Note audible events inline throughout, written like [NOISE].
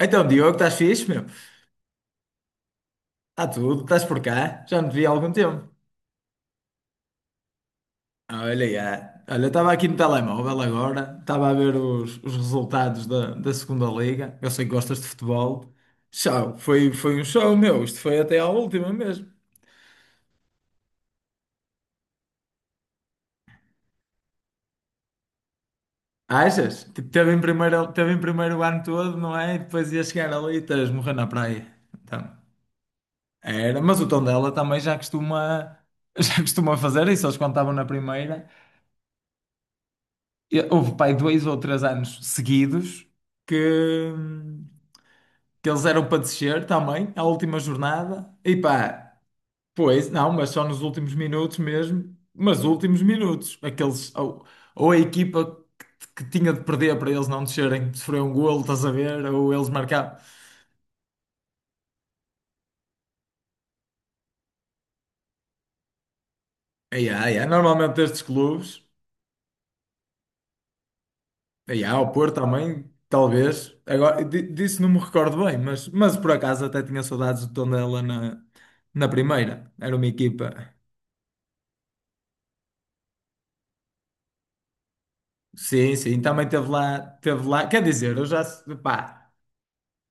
Então, Diogo, estás fixe, meu? Está tudo, estás por cá? Já não te vi há algum tempo. Ah, olha, já. Olha, eu estava aqui no telemóvel agora, estava a ver os resultados da Segunda Liga. Eu sei que gostas de futebol. Show, foi um show, meu. Isto foi até à última mesmo. Achas? Tipo, teve em primeiro o ano todo, não é? E depois ia chegar ali e estás morrer na praia. Então, era. Mas o Tondela também já costuma, [LAUGHS] já costuma fazer isso. Eles quando estavam na primeira. E houve, pai, dois ou três anos seguidos que, que eles eram para descer também, à última jornada. E pá, pois, não, mas só nos últimos minutos mesmo. Mas últimos minutos. Aqueles, ou a equipa que tinha de perder para eles não descerem, sofreu um golo, estás a ver? Ou eles marcaram. Ai, ai, ai, normalmente estes clubes. E há o Porto também, talvez. Agora, disso não me recordo bem, mas por acaso até tinha saudades do Tondela na, na primeira. Era uma equipa. Sim, sim, também teve lá, teve lá. Quer dizer, eu já, pá,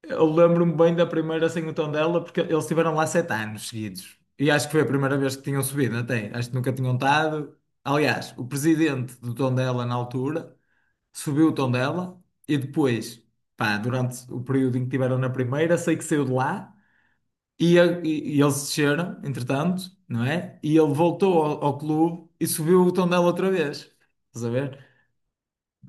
eu lembro-me bem da primeira sem o Tondela, porque eles estiveram lá sete anos seguidos. E acho que foi a primeira vez que tinham subido, até. Acho que nunca tinham estado. Aliás, o presidente do Tondela na altura subiu o Tondela e depois, pá, durante o período em que estiveram na primeira, sei que saiu de lá. E, e eles desceram, entretanto, não é? E ele voltou ao clube e subiu o Tondela outra vez. Estás a ver?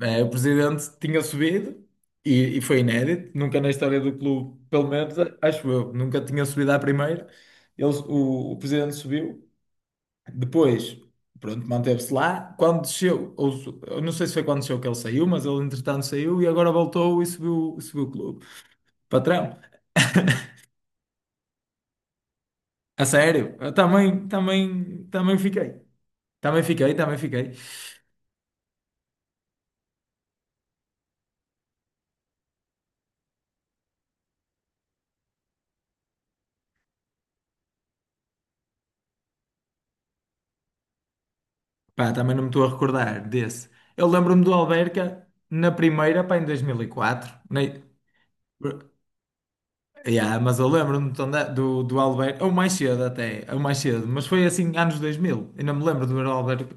É, o presidente tinha subido e foi inédito, nunca na história do clube, pelo menos acho eu, nunca tinha subido à primeira. Eles, o presidente subiu, depois, pronto, manteve-se lá. Quando desceu, ou, eu não sei se foi quando desceu que ele saiu, mas ele entretanto saiu e agora voltou e subiu, subiu o clube. Patrão, a sério, eu também, também, também fiquei. Também fiquei, também fiquei. Pá, também não me estou a recordar desse. Eu lembro-me do Alverca na primeira, pá, em 2004. Nem... Yeah, mas eu lembro-me então do do alberca ou mais cedo até, ou mais cedo, mas foi assim, anos 2000. Ainda me lembro do ver o alberca.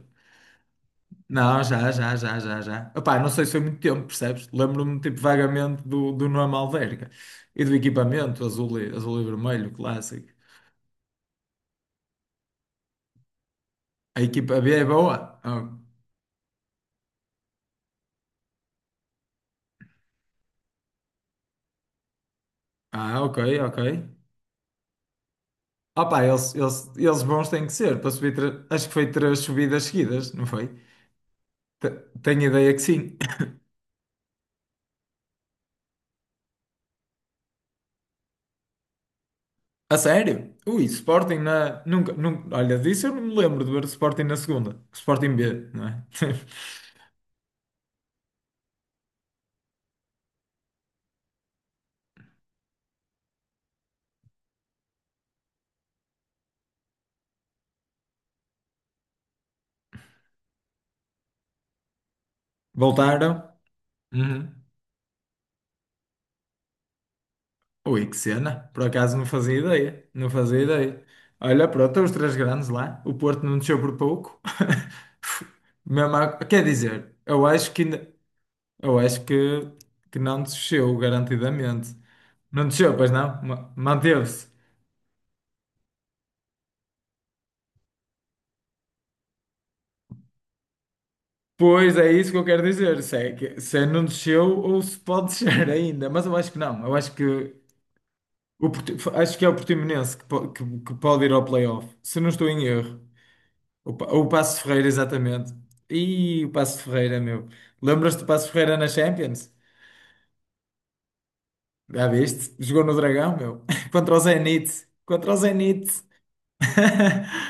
Não, já, já, já, já, já. Opá, não sei se foi muito tempo, percebes? Lembro-me, tipo, vagamente do nome Alverca e do equipamento azul e, azul e vermelho, clássico. A equipa B é boa? Ah, ah, ok, ok. Opa, eles bons têm que ser para subir. Acho que foi três subidas seguidas, não foi? Te- Tenho ideia que sim. A sério? Ui, Sporting na. Nunca, nunca. Olha, disso eu não me lembro de ver o Sporting na segunda. Sporting B, não é? [LAUGHS] Voltaram. Uhum. Ui, que cena. Por acaso não fazia ideia. Não fazia ideia. Olha, pronto, estão os três grandes lá. O Porto não desceu por pouco. [LAUGHS] Quer dizer, eu acho que ainda. Eu acho que não desceu, garantidamente. Não desceu, pois não? Manteve-se. Pois é isso que eu quero dizer. Se, é se é não desceu ou se pode descer [LAUGHS] ainda. Mas eu acho que não. Eu acho que acho que é o Portimonense que, que pode ir ao playoff. Se não estou em erro. O Paço de Ferreira, exatamente. E o Paço de Ferreira, meu. Lembras-te do Paço de Ferreira na Champions? Já viste? Jogou no Dragão, meu. [LAUGHS] Contra o Zenit. Contra o Zenit. [LAUGHS]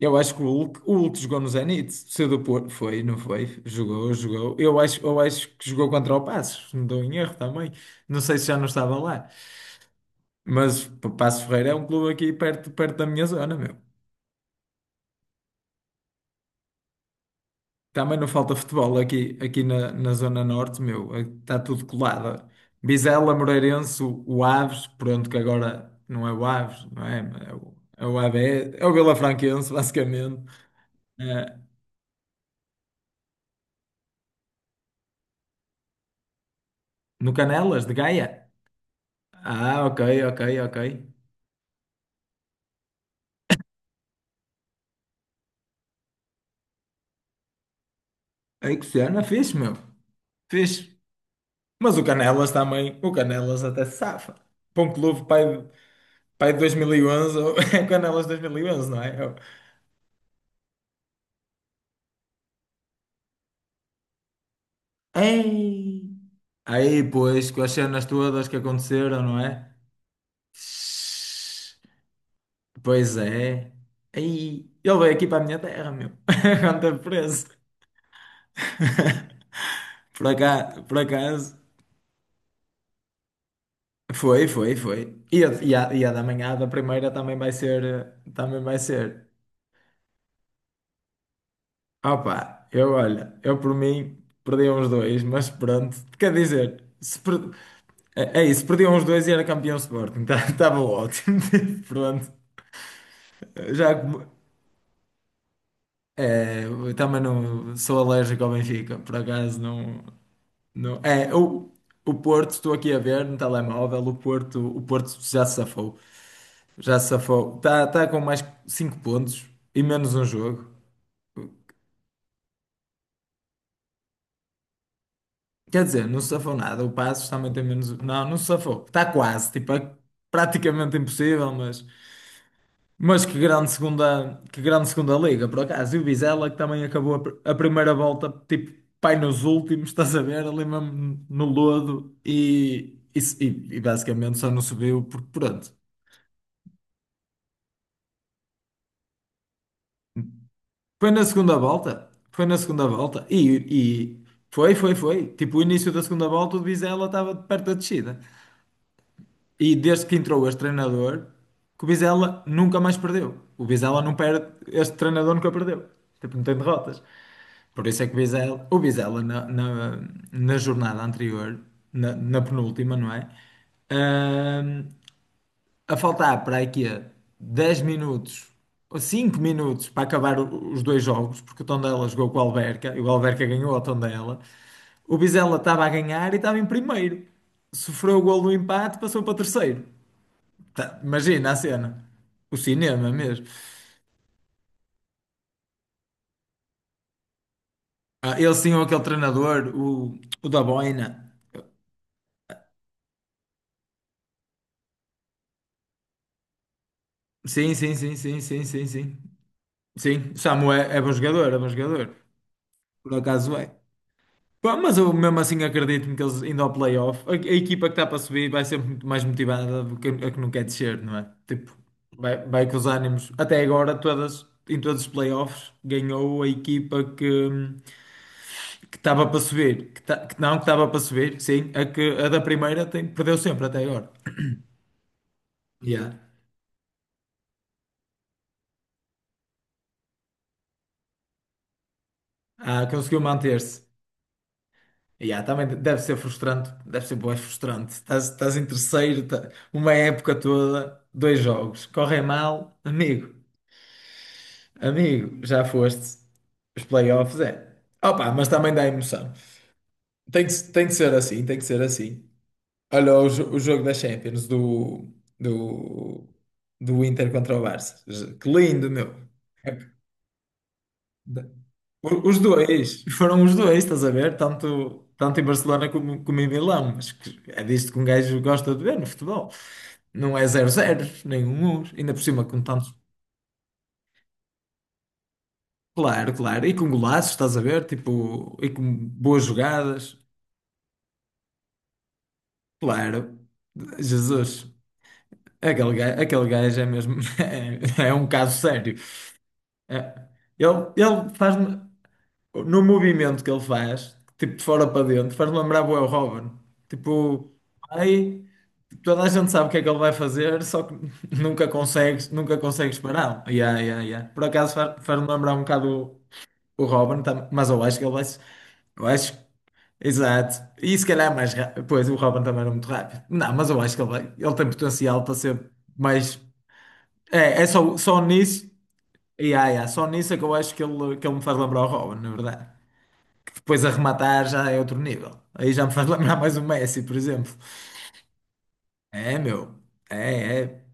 Eu acho que o Hulk jogou no Zenit, saiu do Porto, foi, não foi? Jogou, jogou. Eu acho que jogou contra o Passos, não estou em erro também. Não sei se já não estava lá. Mas pá, Passos Ferreira é um clube aqui perto, perto da minha zona, meu. Também não falta futebol aqui, aqui na, na Zona Norte, meu. Está tudo colado. Vizela, Moreirense, o Aves, pronto, que agora não é o Aves, não é? É o AB, é o Vilafranquense, basicamente. É, no Canelas, de Gaia. Ah, ok, ok, ok. Ai, que cena, fixe, meu. Fixe. Mas o Canelas também, o Canelas até se safa. Para um clube pai, pai de 2011, [LAUGHS] é o Canelas 2011, não é? É Ei! Aí, pois, com as cenas todas que aconteceram, não é? Pois é. Aí, ele veio aqui para a minha terra, meu. [LAUGHS] Quando teve preso. [LAUGHS] Por acaso, por acaso. Foi, foi, foi. E a da manhã da primeira também vai ser, também vai ser. Ah pá, eu olha, eu por mim perdi uns dois, mas pronto, quer dizer, se per- é, é isso, perdi uns dois e era campeão Sporting, estava [LAUGHS] ótimo, [LAUGHS] pronto, já como, é, eu também não sou alérgico ao Benfica, por acaso não, não, é, o Porto, estou aqui a ver no telemóvel, o Porto já se safou, está com mais cinco pontos e menos um jogo. Quer dizer, não se safou nada. O Passos também tem menos. Não, não se safou. Está quase. Tipo, é praticamente impossível, mas. Mas que grande segunda liga, por acaso. E o Vizela, que também acabou a primeira volta, tipo, pai nos últimos, [LAUGHS] estás a ver, ali mesmo no lodo. E, e basicamente só não subiu, porque pronto. Foi na segunda volta. Foi na segunda volta. E foi, foi, foi. Tipo, o início da segunda volta, o Vizela estava perto da descida. E desde que entrou este treinador, que o Vizela nunca mais perdeu. O Vizela não perde, este treinador nunca perdeu. Tipo, não tem derrotas. Por isso é que o Vizela na jornada anterior, na penúltima, não é? Ahm, a faltar para aqui 10 minutos ou 5 minutos para acabar os dois jogos, porque o Tondela jogou com o Alverca e o Alverca ganhou ao Tondela. O Vizela estava a ganhar e estava em primeiro. Sofreu o gol do empate, passou para terceiro. Tá, imagina a cena. O cinema mesmo. Ah, ele sim, ou aquele treinador, o da Boina. Sim, sim, sim, sim, sim, sim, sim. Sim, o Samu é, é bom jogador, é bom jogador. Por acaso é. Pá, mas eu mesmo assim acredito-me que eles indo ao playoff, a equipa que está para subir vai ser muito mais motivada do que a que não quer descer, não é? Tipo, vai, vai com os ânimos. Até agora, todas, em todos os playoffs, ganhou a equipa que. Que estava para subir, que, ta- que não, que estava para subir, sim, a da primeira tem, perdeu sempre até agora. Yeah. Ah, conseguiu manter-se. Yeah, também deve ser frustrante, deve ser bué frustrante. Estás, estás em terceiro, uma época toda, dois jogos, correm mal, amigo, amigo, já foste. Os playoffs é. Opa, mas também dá emoção. Tem que ser assim, tem que ser assim. Olha o jogo da Champions do, do Inter contra o Barça. Que lindo, meu. É da- os dois, foram os dois, estás a ver? Tanto, tanto em Barcelona como, como em Milão. Mas que é disto que um gajo gosta de ver no futebol. Não é zero zero, nem 1-1. Ainda por cima com tantos. Claro, claro. E com golaços, estás a ver? Tipo, e com boas jogadas. Claro. Jesus. Aquele gajo é mesmo. [LAUGHS] É, um caso sério. É. Ele, ele faz-me, no movimento que ele faz, tipo de fora para dentro, faz-me lembrar bué o Robin. Tipo, aí toda a gente sabe o que é que ele vai fazer, só que [LAUGHS] nunca consegues, nunca consegues pará-lo. Yeah, yeah, yeah. Por acaso faz-me lembrar um bocado o Robin, mas eu acho que ele vai. Eu acho, exato. E se calhar é mais rápido. Pois, o Robin também era muito rápido. Não, mas eu acho que ele vai, ele tem potencial para ser mais. É, é só, só nisso. E ai, ai, só nisso é que eu acho que ele me faz lembrar o Robin, na verdade. Depois a rematar já é outro nível. Aí já me faz [LAUGHS] lembrar mais o Messi, por exemplo. É, meu. É, é.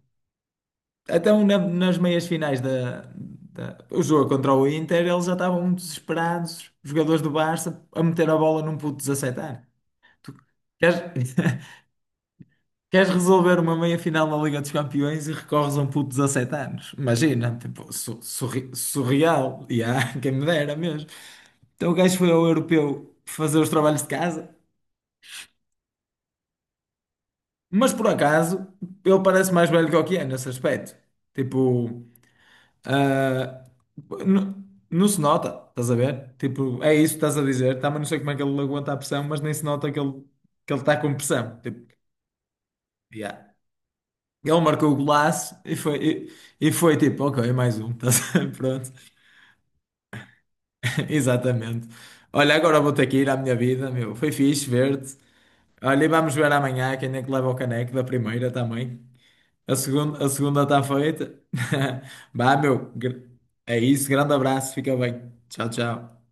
Até um nas meias finais o jogo contra o Inter, eles já estavam desesperados, os jogadores do Barça, a meter a bola num puto de 17 anos. Tu queres, [LAUGHS] queres resolver uma meia final na Liga dos Campeões e recorres a um puto de 17 anos? Imagina, tipo, surreal. Yeah, [LAUGHS] quem me dera mesmo. Então o gajo foi ao europeu fazer os trabalhos de casa, mas por acaso ele parece mais velho que o que é nesse aspecto. Tipo, ah, n- não se nota, estás a ver? Tipo, é isso que estás a dizer. Também não sei como é que ele aguenta a pressão, mas nem se nota que ele está com pressão. Tipo, yeah. Ele marcou o golaço e foi, e foi tipo, ok, mais um, [LAUGHS] estás a ver? [LAUGHS] Pronto, [LAUGHS] exatamente. Olha, agora vou ter que ir à minha vida, meu. Foi fixe ver-te. Olha, e vamos ver amanhã quem é que leva o caneco da primeira também. A segunda está feita. [LAUGHS] Vá, meu. É isso. Grande abraço. Fica bem. Tchau, tchau.